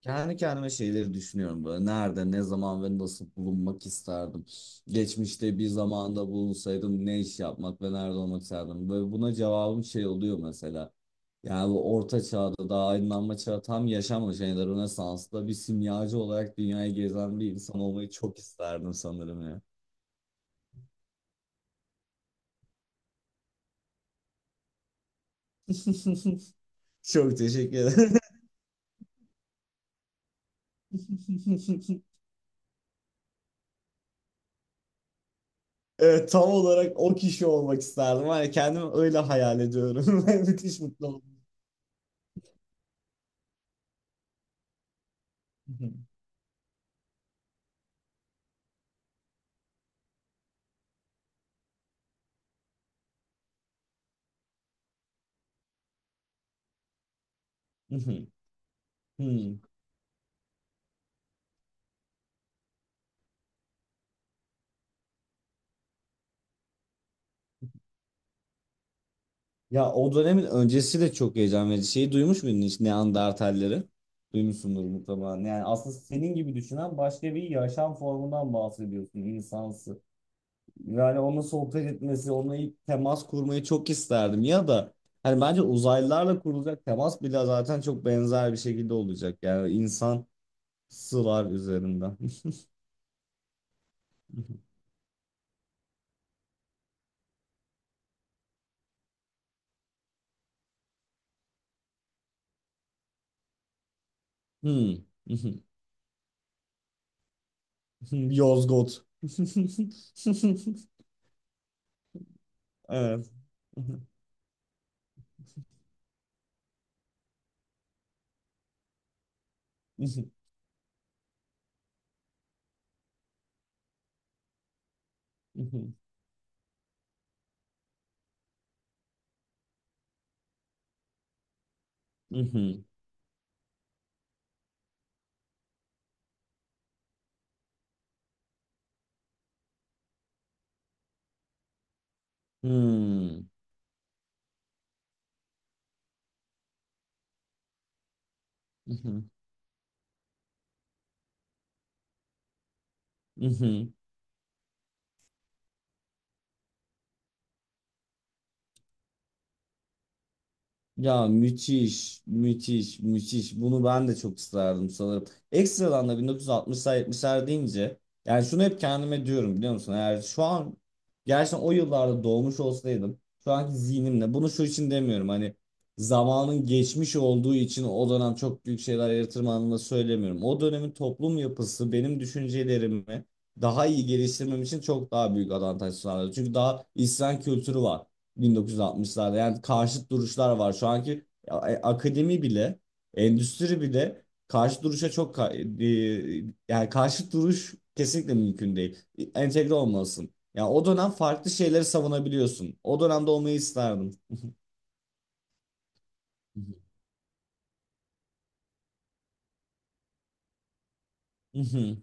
Kendi kendime şeyleri düşünüyorum böyle. Nerede, ne zaman ve nasıl bulunmak isterdim. Geçmişte bir zamanda bulunsaydım ne iş yapmak ve nerede olmak isterdim. Böyle buna cevabım şey oluyor mesela. Yani bu orta çağda daha aydınlanma çağı tam yaşanmamış. Yani de Rönesans'ta bir simyacı olarak dünyayı gezen bir insan olmayı çok isterdim sanırım ya. Çok teşekkür ederim. Evet, tam olarak o kişi olmak isterdim. Hani kendimi öyle hayal ediyorum. Müthiş mutlu oldum. Hmm. Ya o dönemin öncesi de çok heyecan verici. Şeyi duymuş muydun hiç Neandertalleri? Duymuşsundur mutlaka. Yani aslında senin gibi düşünen başka bir yaşam formundan bahsediyorsun insansı. Yani onunla sohbet etmesi, onunla ilk temas kurmayı çok isterdim. Ya da hani bence uzaylılarla kurulacak temas bile zaten çok benzer bir şekilde olacak. Yani insan sılar üzerinden. Hmm. Yozgot. Evet. Uhum. Hum. Uhum. Uhum. Ya müthiş, müthiş, müthiş. Bunu ben de çok isterdim sanırım. Ekstradan da 1960'lar 70'ler deyince yani şunu hep kendime diyorum biliyor musun? Eğer şu an gerçekten o yıllarda doğmuş olsaydım şu anki zihnimle bunu şu için demiyorum hani zamanın geçmiş olduğu için o dönem çok büyük şeyler yaratırım anlamında söylemiyorum. O dönemin toplum yapısı benim düşüncelerimi daha iyi geliştirmem için çok daha büyük avantaj sağladı. Çünkü daha isyan kültürü var. 1960'larda. Yani karşıt duruşlar var. Şu anki akademi bile, endüstri bile karşı duruşa çok yani karşı duruş kesinlikle mümkün değil. Entegre olmalısın. Yani o dönem farklı şeyleri savunabiliyorsun. O dönemde olmayı isterdim. Hı hı. Hı hı.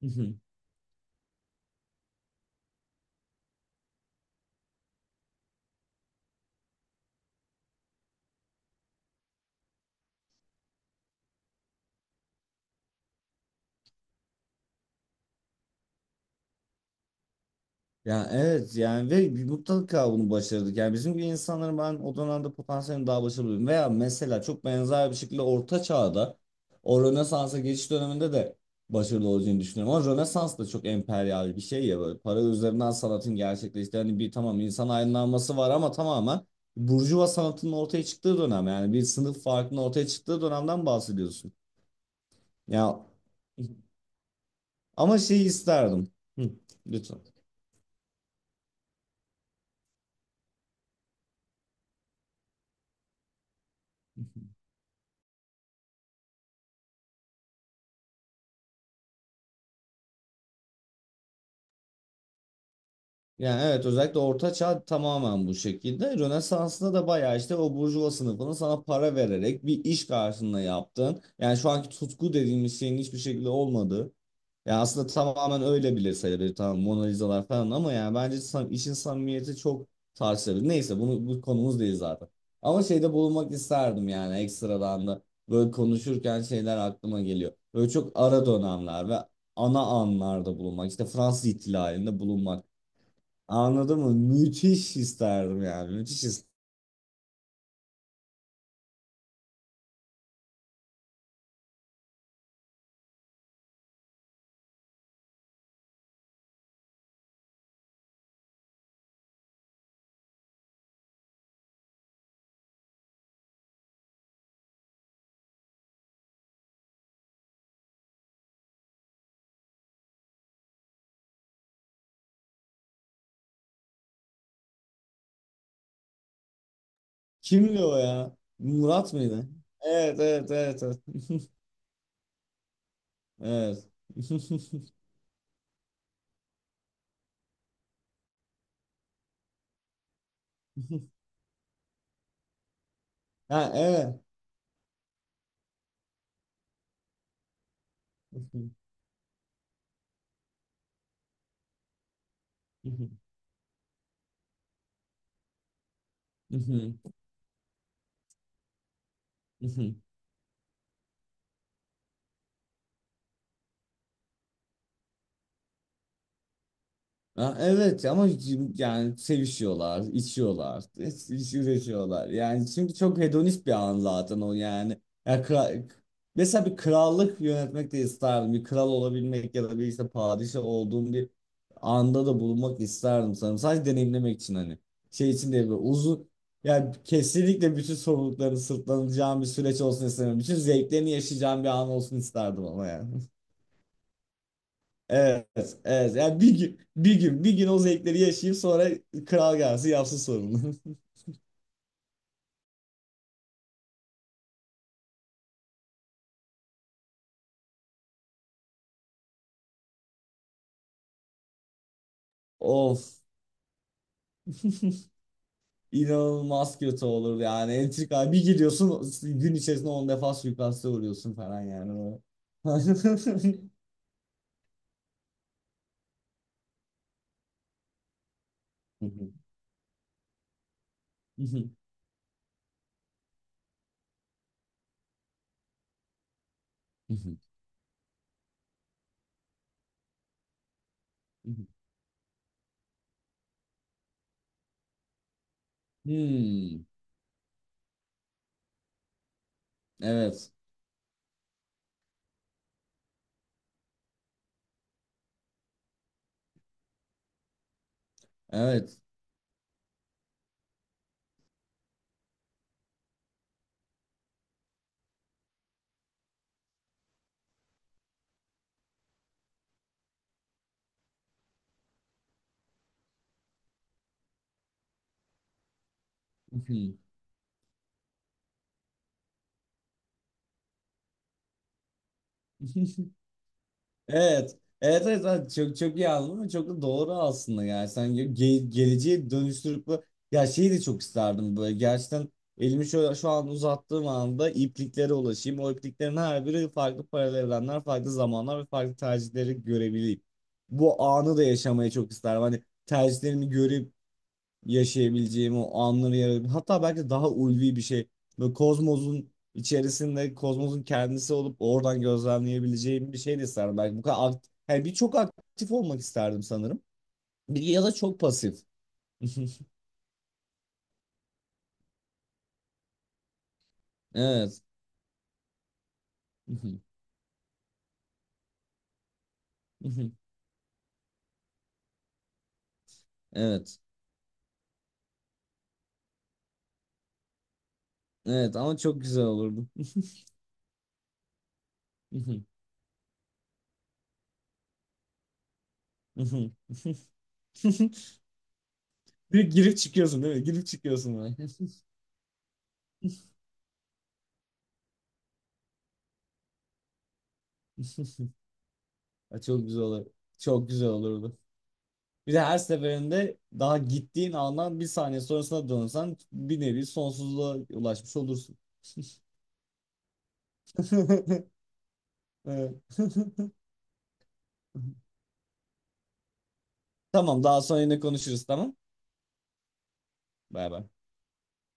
Hı hı. Ya evet yani ve bir mutlaka bunu başardık. Yani bizim gibi insanların ben o dönemde potansiyelini daha başarılı buldum. Veya mesela çok benzer bir şekilde Orta Çağ'da o Rönesans'a geçiş döneminde de başarılı olacağını düşünüyorum. Ama Rönesans da çok emperyal bir şey ya böyle para üzerinden sanatın gerçekleştiği. Hani bir tamam insan aydınlanması var ama tamamen burjuva sanatının ortaya çıktığı dönem. Yani bir sınıf farkının ortaya çıktığı dönemden bahsediyorsun. Ya ama şeyi isterdim. Hı, lütfen. Yani evet özellikle Orta Çağ tamamen bu şekilde. Rönesans'ta da bayağı işte o burjuva sınıfının sana para vererek bir iş karşılığında yaptığın. Yani şu anki tutku dediğimiz şeyin hiçbir şekilde olmadığı. Yani aslında tamamen öyle bile sayılır. Tamam Mona Lisa'lar falan ama yani bence işin samimiyeti çok tartışılır. Neyse bunu bu konumuz değil zaten. Ama şeyde bulunmak isterdim yani ekstradan da. Böyle konuşurken şeyler aklıma geliyor. Böyle çok ara dönemler ve ana anlarda bulunmak. İşte Fransız ihtilalinde bulunmak. Anladın mı? Müthiş isterdim yani. Müthiş isterdim. Kimdi o ya? Murat mıydı? Evet, evet, evet, evet. Evet. Ha, evet. Ha, evet ama yani sevişiyorlar, içiyorlar, üreşiyorlar. Yani çünkü çok hedonist bir an zaten o yani. Ya kra- mesela bir krallık yönetmek de isterdim. Bir kral olabilmek ya da bir işte padişah olduğum bir anda da bulunmak isterdim sanırım. Sadece deneyimlemek için hani. Şey için değil böyle uzun yani kesinlikle bütün sorumluluklarını sırtlanacağım bir süreç olsun istemem. Bütün zevklerini yaşayacağım bir an olsun isterdim ama yani. Evet, evet. Yani bir gün, bir gün, bir gün o zevkleri yaşayıp sonra kral gelsin yapsın sorunu. Of. İnanılmaz kötü olur yani. Entrika bir gidiyorsun gün içerisinde 10 defa suikaste uğruyorsun falan yani. Hmm, evet. Evet. Evet. Evet, evet, evet. Çok çok iyi anladım ve çok da doğru aslında yani sen geleceği dönüştürüp ya şeyi de çok isterdim böyle gerçekten elimi şöyle şu an uzattığım anda ipliklere ulaşayım, o ipliklerin her biri farklı paralel evrenler, farklı zamanlar ve farklı tercihleri görebileyim, bu anı da yaşamayı çok isterdim hani tercihlerimi görüp yaşayabileceğim o anları yarayabileceğim. Hatta belki daha ulvi bir şey. Böyle kozmosun içerisinde kozmosun kendisi olup oradan gözlemleyebileceğim bir şey de isterdim. Belki bu kadar aktif, yani bir çok aktif olmak isterdim sanırım. Bir ya da çok pasif. Evet. Evet. Evet ama çok güzel olurdu. Bir girip çıkıyorsun değil mi? Girip çıkıyorsun böyle. Ay, çok güzel olur. Çok güzel olurdu. Bir de her seferinde daha gittiğin andan bir saniye sonrasına dönsen bir nevi sonsuzluğa ulaşmış olursun. Evet. Tamam, daha sonra yine konuşuruz, tamam. Bay bay.